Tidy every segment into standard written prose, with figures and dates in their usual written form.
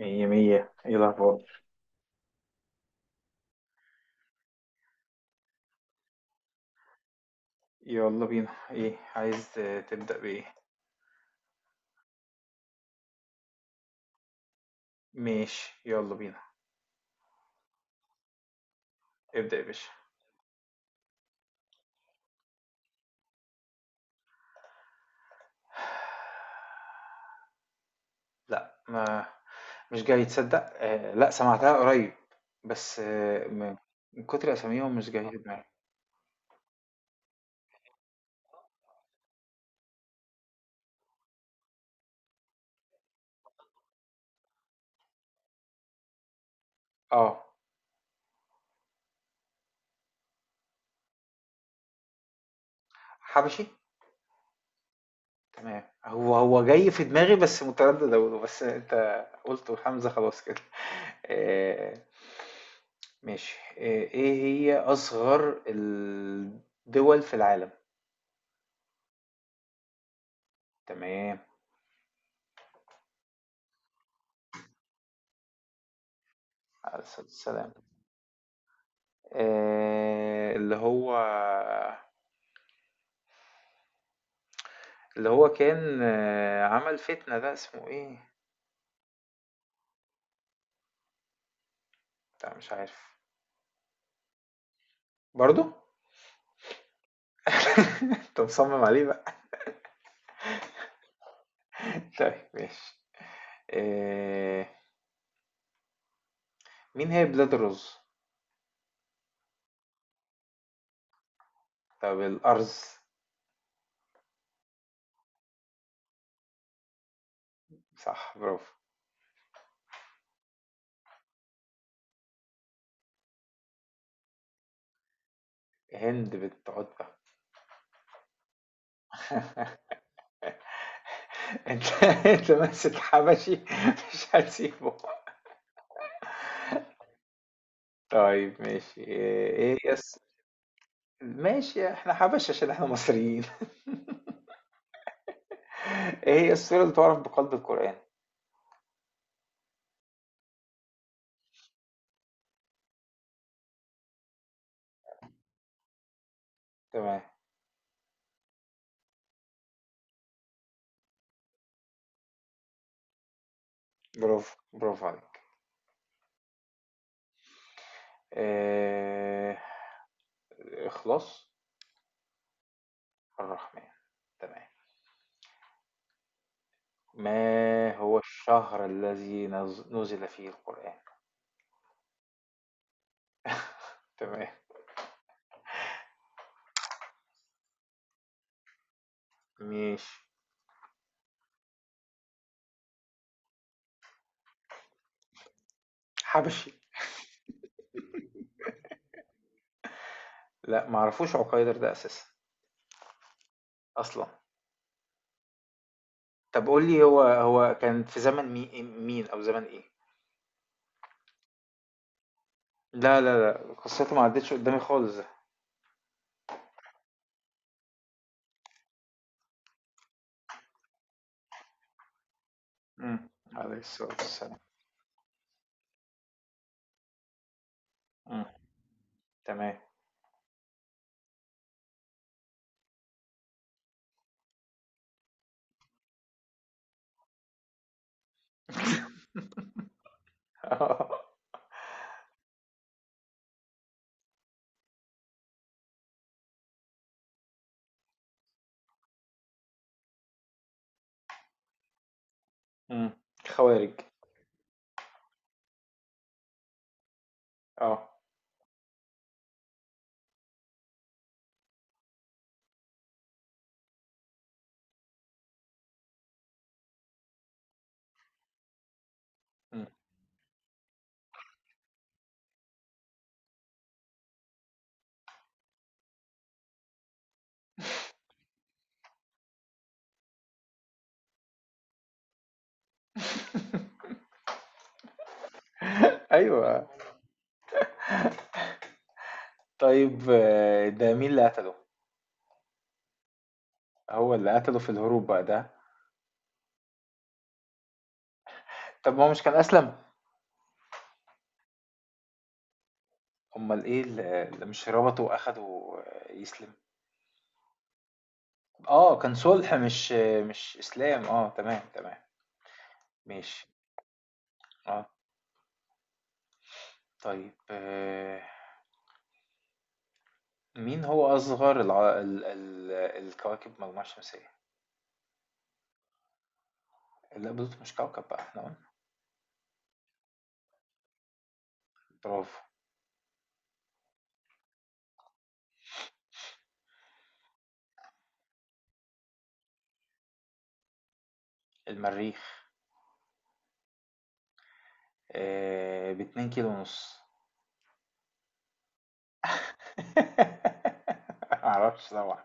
مية مية. ايه الأخبار؟ يلا بينا. ايه عايز تبدأ بإيه؟ ماشي، يلا بينا. ابدأ يا باشا. لا، ما مش جاي تصدق. لا، سمعتها قريب. بس من كتر أساميهم مش جاي في دماغي. اه، حبشي. تمام، هو هو جاي في دماغي بس متردد أقوله، بس أنت قلته حمزة خلاص كده. آه، ماشي. ايه هي أصغر الدول في العالم؟ تمام، عليه الصلاة والسلام. اللي هو كان، عمل فتنة ده اسمه ايه؟ لا، مش عارف. برضو؟ انت مصمم عليه بقى. طيب ماشي. آه، مين هي بلاد الرز؟ طب الأرز. صح، برافو. هند بنت عتبة. انت انت ماسك حبشي، مش هتسيبه. طيب ماشي. ايه يس. ماشي، احنا حبش عشان احنا مصريين. ايه هي السورة اللي تعرف بقلب القرآن؟ تمام. برافو، برافو عليك. آه... الإخلاص. الرحمن. تمام. ما هو الشهر الذي نزل فيه القرآن؟ تمام، ماشي. حبشي. لا، معرفوش عقيدر ده أساسا، أصلا. طب قول لي، هو كان في زمن مين أو زمن إيه؟ لا لا لا، قصته ما عدتش قدامي خالص ده. مم. عليه الصلاة والسلام. مم. تمام. مم. خوارج. اه. مم. ايوه. طيب. ده مين اللي قتله؟ هو اللي قتله في الهروب بقى ده؟ طب ما هو مش كان اسلم؟ امال ايه اللي مش ربطه واخده يسلم؟ اه، كان صلح، مش اسلام. اه، تمام تمام. ماشي. اه. طيب. مين هو اصغر الكواكب المجموعة الشمسية؟ لا، بلوتو مش كوكب بقى، احنا قلنا. برافو. المريخ. باتنين كيلو ونص. معرفش طبعا.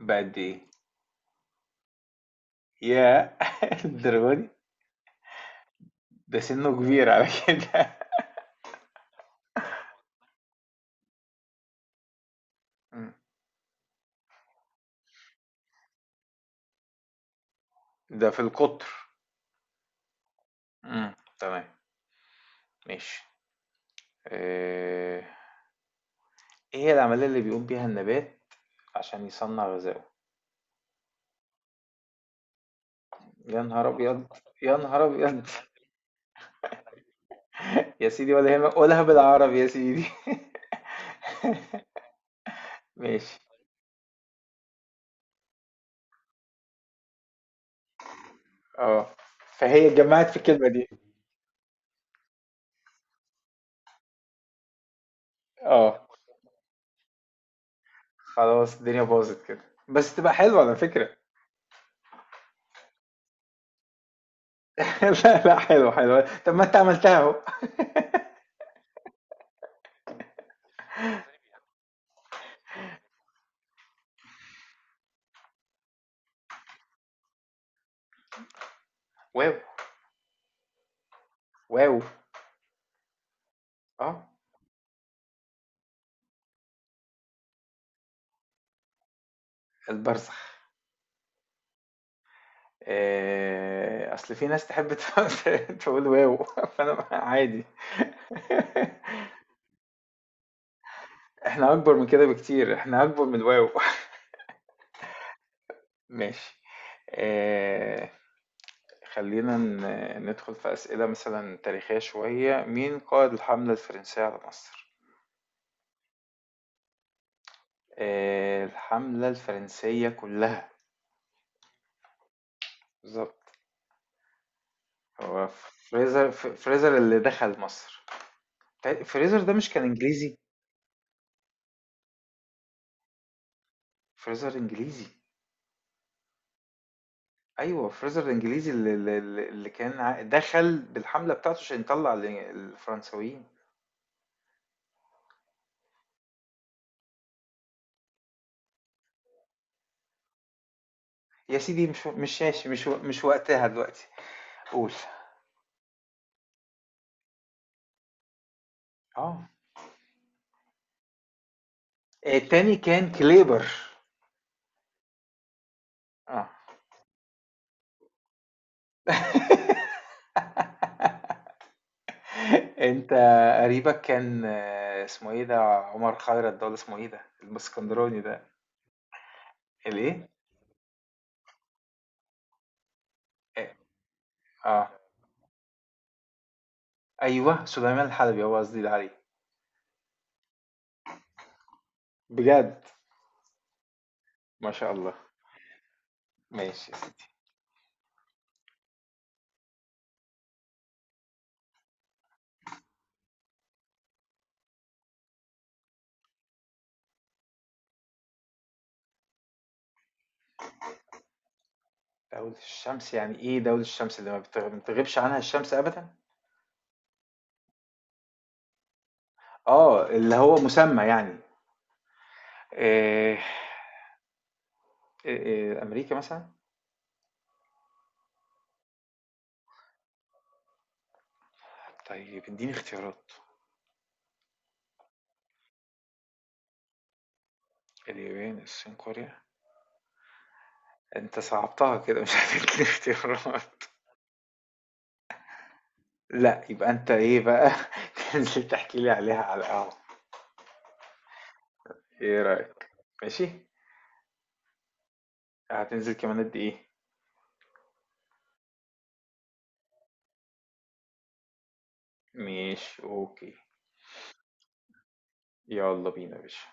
بقد ايه؟ ياه، الدرجة دي! ده سنه كبير على كده. مم. ده في القطر. مم، تمام. ماشي. آه، ايه هي العملية اللي بيقوم بيها النبات عشان يصنع غذائه؟ يا نهار ابيض! يا نهار ابيض! يا سيدي ولا يهمك، قولها بالعربي يا سيدي. ماشي. اه، فهي اتجمعت في الكلمة دي. اه، خلاص الدنيا باظت كده، بس تبقى حلوة على فكرة. لا لا، حلوة حلوة، طب ما انت عملتها اهو. واو. واو. اه، البرزخ. اصل في ناس تحب تقول واو، فانا عادي. احنا اكبر من كده بكتير، احنا اكبر من واو. ماشي. آه، خلينا ندخل في اسئله مثلا تاريخيه شويه. مين قائد الحمله الفرنسيه على مصر؟ الحمله الفرنسيه كلها. بالظبط. هو فريزر، فريزر اللي دخل مصر؟ فريزر ده مش كان انجليزي؟ فريزر انجليزي. أيوه، فرايزر الإنجليزي اللي كان دخل بالحملة بتاعته عشان يطلع الفرنساويين. يا سيدي، مش ماشي، مش وقتها دلوقتي. قول. اه، التاني كان كليبر. اه، انت قريبك كان اسمه ايه ده؟ عمر خيرت ده ولا اسمه ايه ده الاسكندراني ده؟ الايه؟ اه. آه. ايوه، سليمان الحلبي هو قصدي ده عليه. بجد؟ ما شاء الله. ماشي. دولة الشمس يعني إيه؟ دولة الشمس اللي ما بتغيبش عنها الشمس أبدا؟ اللي هو مسمى، يعني إيه؟ إيه، أمريكا مثلا؟ طيب، إديني اختيارات. اليابان، الصين، كوريا؟ أنت صعبتها كده، مش هتديني اختيارات. لا، يبقى أنت إيه بقى، تنزل تحكي لي عليها على القهوة. إيه رأيك؟ ماشي؟ هتنزل كمان قد إيه؟ ماشي أوكي. يلا بينا يا باشا.